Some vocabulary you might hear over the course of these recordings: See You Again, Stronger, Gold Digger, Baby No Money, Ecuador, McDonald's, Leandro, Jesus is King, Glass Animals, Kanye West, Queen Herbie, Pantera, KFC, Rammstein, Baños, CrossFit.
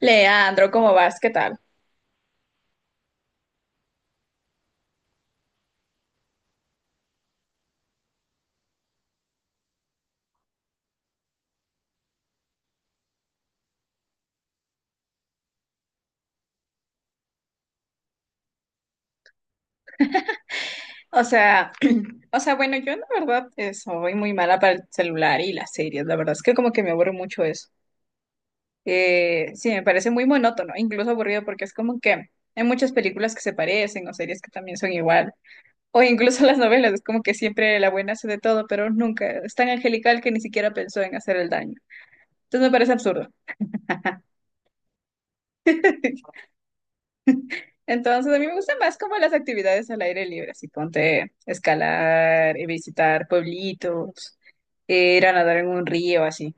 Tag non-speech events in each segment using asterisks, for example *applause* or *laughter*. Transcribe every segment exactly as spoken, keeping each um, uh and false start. Leandro, ¿cómo vas? ¿Qué tal? O sea, *clears throat* o sea, bueno, yo la verdad eh, soy muy mala para el celular y las series. La verdad es que como que me aburre mucho eso. Eh, sí, me parece muy monótono, incluso aburrido porque es como que hay muchas películas que se parecen o series que también son igual. O incluso *laughs* las novelas, es como que siempre la buena hace de todo, pero nunca es tan angelical que ni siquiera pensó en hacer el daño. Entonces me parece absurdo. *laughs* Entonces, a mí me gustan más como las actividades al aire libre, así ponte escalar, eh, visitar pueblitos, ir a nadar en un río, así.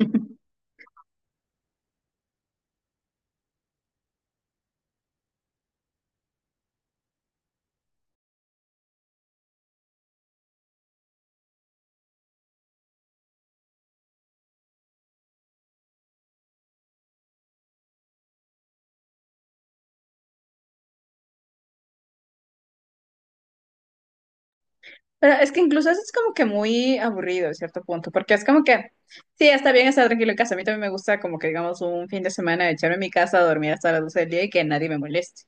*laughs* Pero es que incluso eso es como que muy aburrido en cierto punto, porque es como que, sí, está bien estar tranquilo en casa. A mí también me gusta como que, digamos, un fin de semana echarme en mi casa a dormir hasta las doce del día y que nadie me moleste.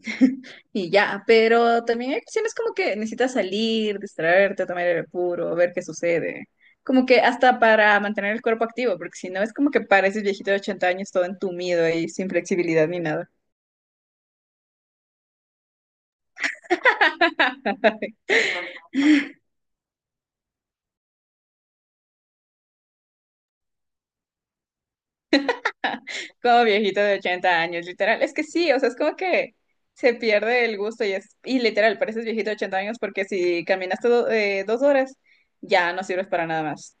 *laughs* Y ya, pero también hay ocasiones como que necesitas salir, distraerte, tomar aire puro, ver qué sucede. Como que hasta para mantener el cuerpo activo, porque si no es como que pareces viejito de ochenta años todo entumido y sin flexibilidad ni nada. *laughs* Como viejito de ochenta años, literal. Es que sí, o sea, es como que se pierde el gusto y es, y literal, pareces viejito de ochenta años porque si caminaste do- eh, dos horas, ya no sirves para nada más.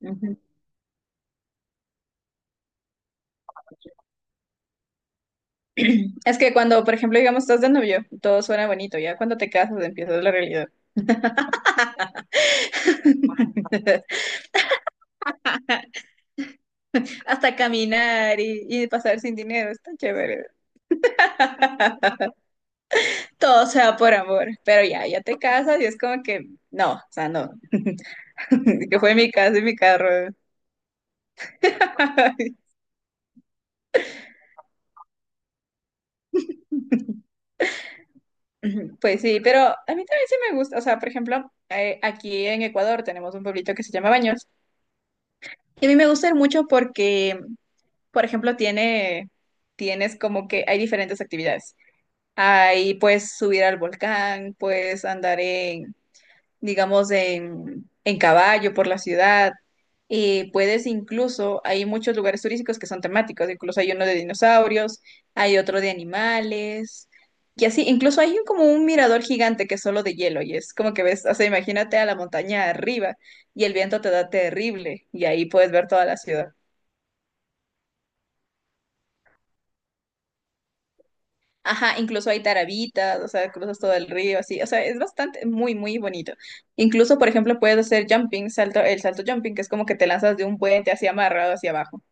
Ujú. Es que cuando, por ejemplo, digamos, estás de novio, todo suena bonito, ya cuando te casas empiezas la realidad. *laughs* Hasta caminar y, y pasar sin dinero, está chévere. Todo sea por amor, pero ya, ya te casas y es como que, no, o sea, no, *laughs* que fue mi casa y mi carro. *laughs* Ujú, pues sí, pero a mí también sí me gusta, o sea, por ejemplo, eh, aquí en Ecuador tenemos un pueblito que se llama Baños y a mí me gusta ir mucho porque, por ejemplo, tiene, tienes como que hay diferentes actividades. Ahí puedes subir al volcán, puedes andar en, digamos, en, en caballo por la ciudad. Y puedes incluso, hay muchos lugares turísticos que son temáticos, incluso hay uno de dinosaurios, hay otro de animales, y así, incluso hay un- como un mirador gigante que es solo de hielo, y es como que ves, o sea, imagínate a la montaña arriba y el viento te da terrible, y ahí puedes ver toda la ciudad. Ajá, incluso hay tarabitas, o sea, cruzas todo el río, así, o sea, es bastante, muy, muy bonito. Incluso, por ejemplo, puedes hacer jumping, salto, el salto jumping, que es como que te lanzas de un puente así amarrado hacia abajo.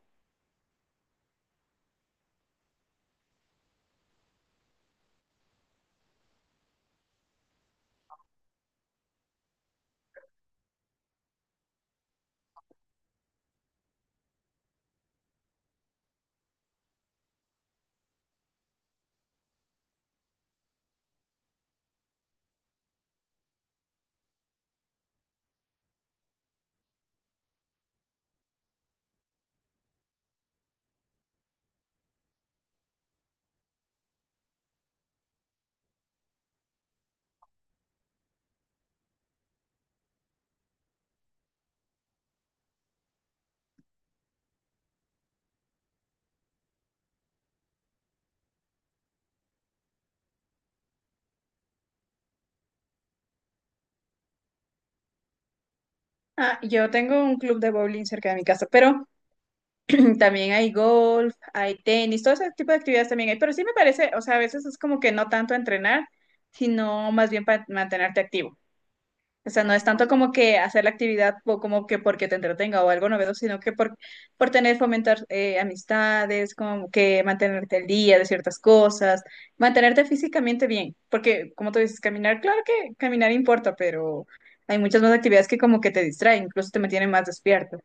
Ah, yo tengo un club de bowling cerca de mi casa, pero *clears throat* también hay golf, hay tenis, todo ese tipo de actividades también hay, pero sí me parece, o sea, a veces es como que no tanto entrenar, sino más bien para mantenerte activo. O sea, no es tanto como que hacer la actividad o como que porque te entretenga o algo novedoso, sino que por, por tener, fomentar eh, amistades, como que mantenerte al día de ciertas cosas, mantenerte físicamente bien, porque como tú dices, caminar, claro que caminar importa, pero hay muchas más actividades que como que te distraen, incluso te mantienen más despierto.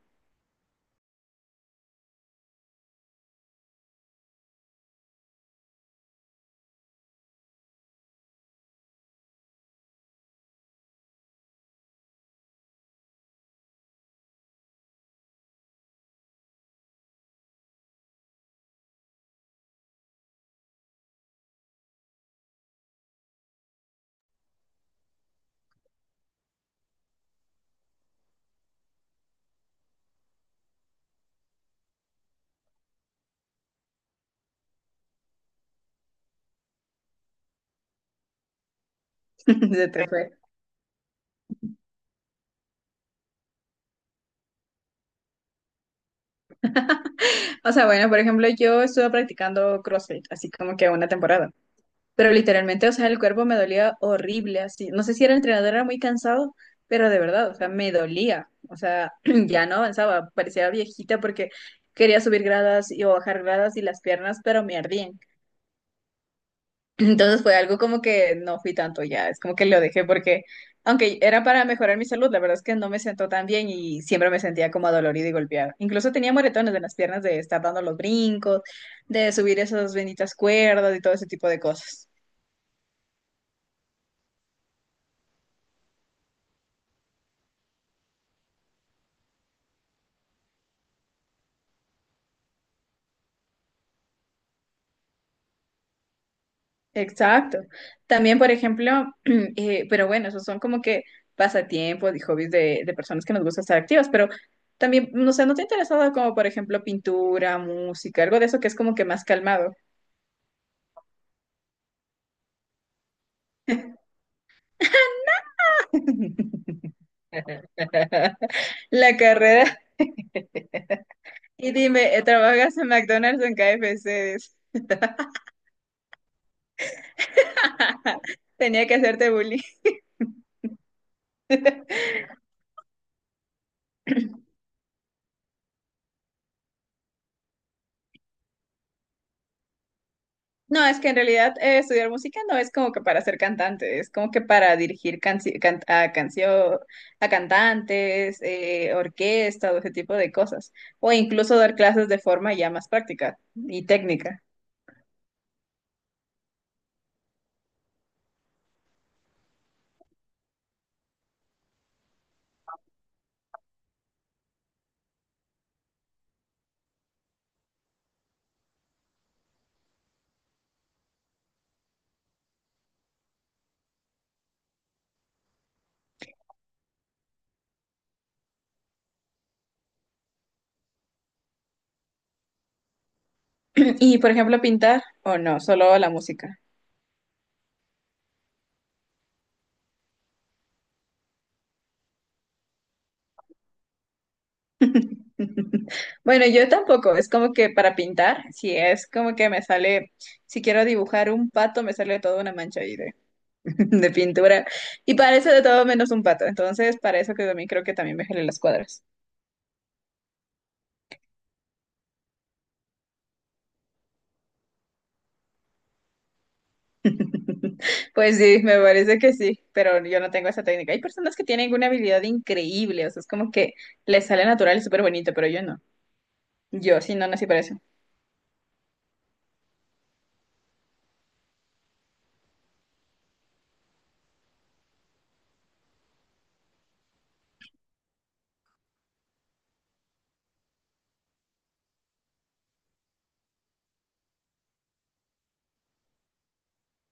*laughs* Se te fue. O sea, bueno, por ejemplo, yo estuve practicando CrossFit, así como que una temporada. Pero literalmente, o sea, el cuerpo me dolía horrible, así. No sé si era el entrenador, era muy cansado, pero de verdad, o sea, me dolía. O sea, *clears throat* ya no avanzaba, parecía viejita porque quería subir gradas y, o bajar gradas y las piernas, pero me ardían. *clears throat* Entonces fue algo como que no fui tanto ya, es como que lo dejé porque, aunque era para mejorar mi salud, la verdad es que no me sentó tan bien y siempre me sentía como dolorida y golpeada. Incluso tenía moretones en las piernas de estar dando los brincos, de subir esas benditas cuerdas y todo ese tipo de cosas. Exacto. También, por ejemplo, *clears throat* eh, pero bueno, esos son como que pasatiempos y hobbies de, de personas que nos gusta estar activas, pero también, no sé, ¿no te ha interesado como, por ejemplo, pintura, música, algo de eso que es como que más calmado? *laughs* La carrera, y dime, eh, ¿trabajas en McDonald's o en K F C? *laughs* Tenía que hacerte bullying. No, es que en realidad eh, estudiar música no es como que para ser cantante, es como que para dirigir canci- can- a canción, a cantantes, eh, orquesta, o ese tipo de cosas. O incluso dar clases de forma ya más práctica y técnica. Y por ejemplo, pintar, o no, solo la música. *laughs* Bueno, yo tampoco, es como que para pintar, si es como que me sale, si quiero dibujar un pato, me sale toda una mancha ahí *laughs* de pintura y parece de todo menos un pato. Entonces, para eso que también creo que también me gelé las cuadras. *laughs* Pues sí, me parece que sí, pero yo no tengo esa técnica. Hay personas que tienen una habilidad increíble, o sea, es como que les sale natural y súper bonito, pero yo no. Yo sí no nací para eso.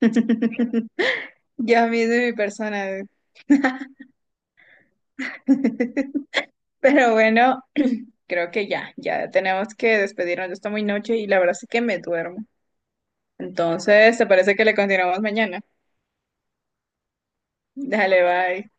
*laughs* Yo a mí de mi persona. *laughs* Pero bueno, creo que ya, ya tenemos que despedirnos. Ya está muy noche y la verdad es que me duermo. Entonces, ¿te parece que le continuamos mañana? Dale, bye.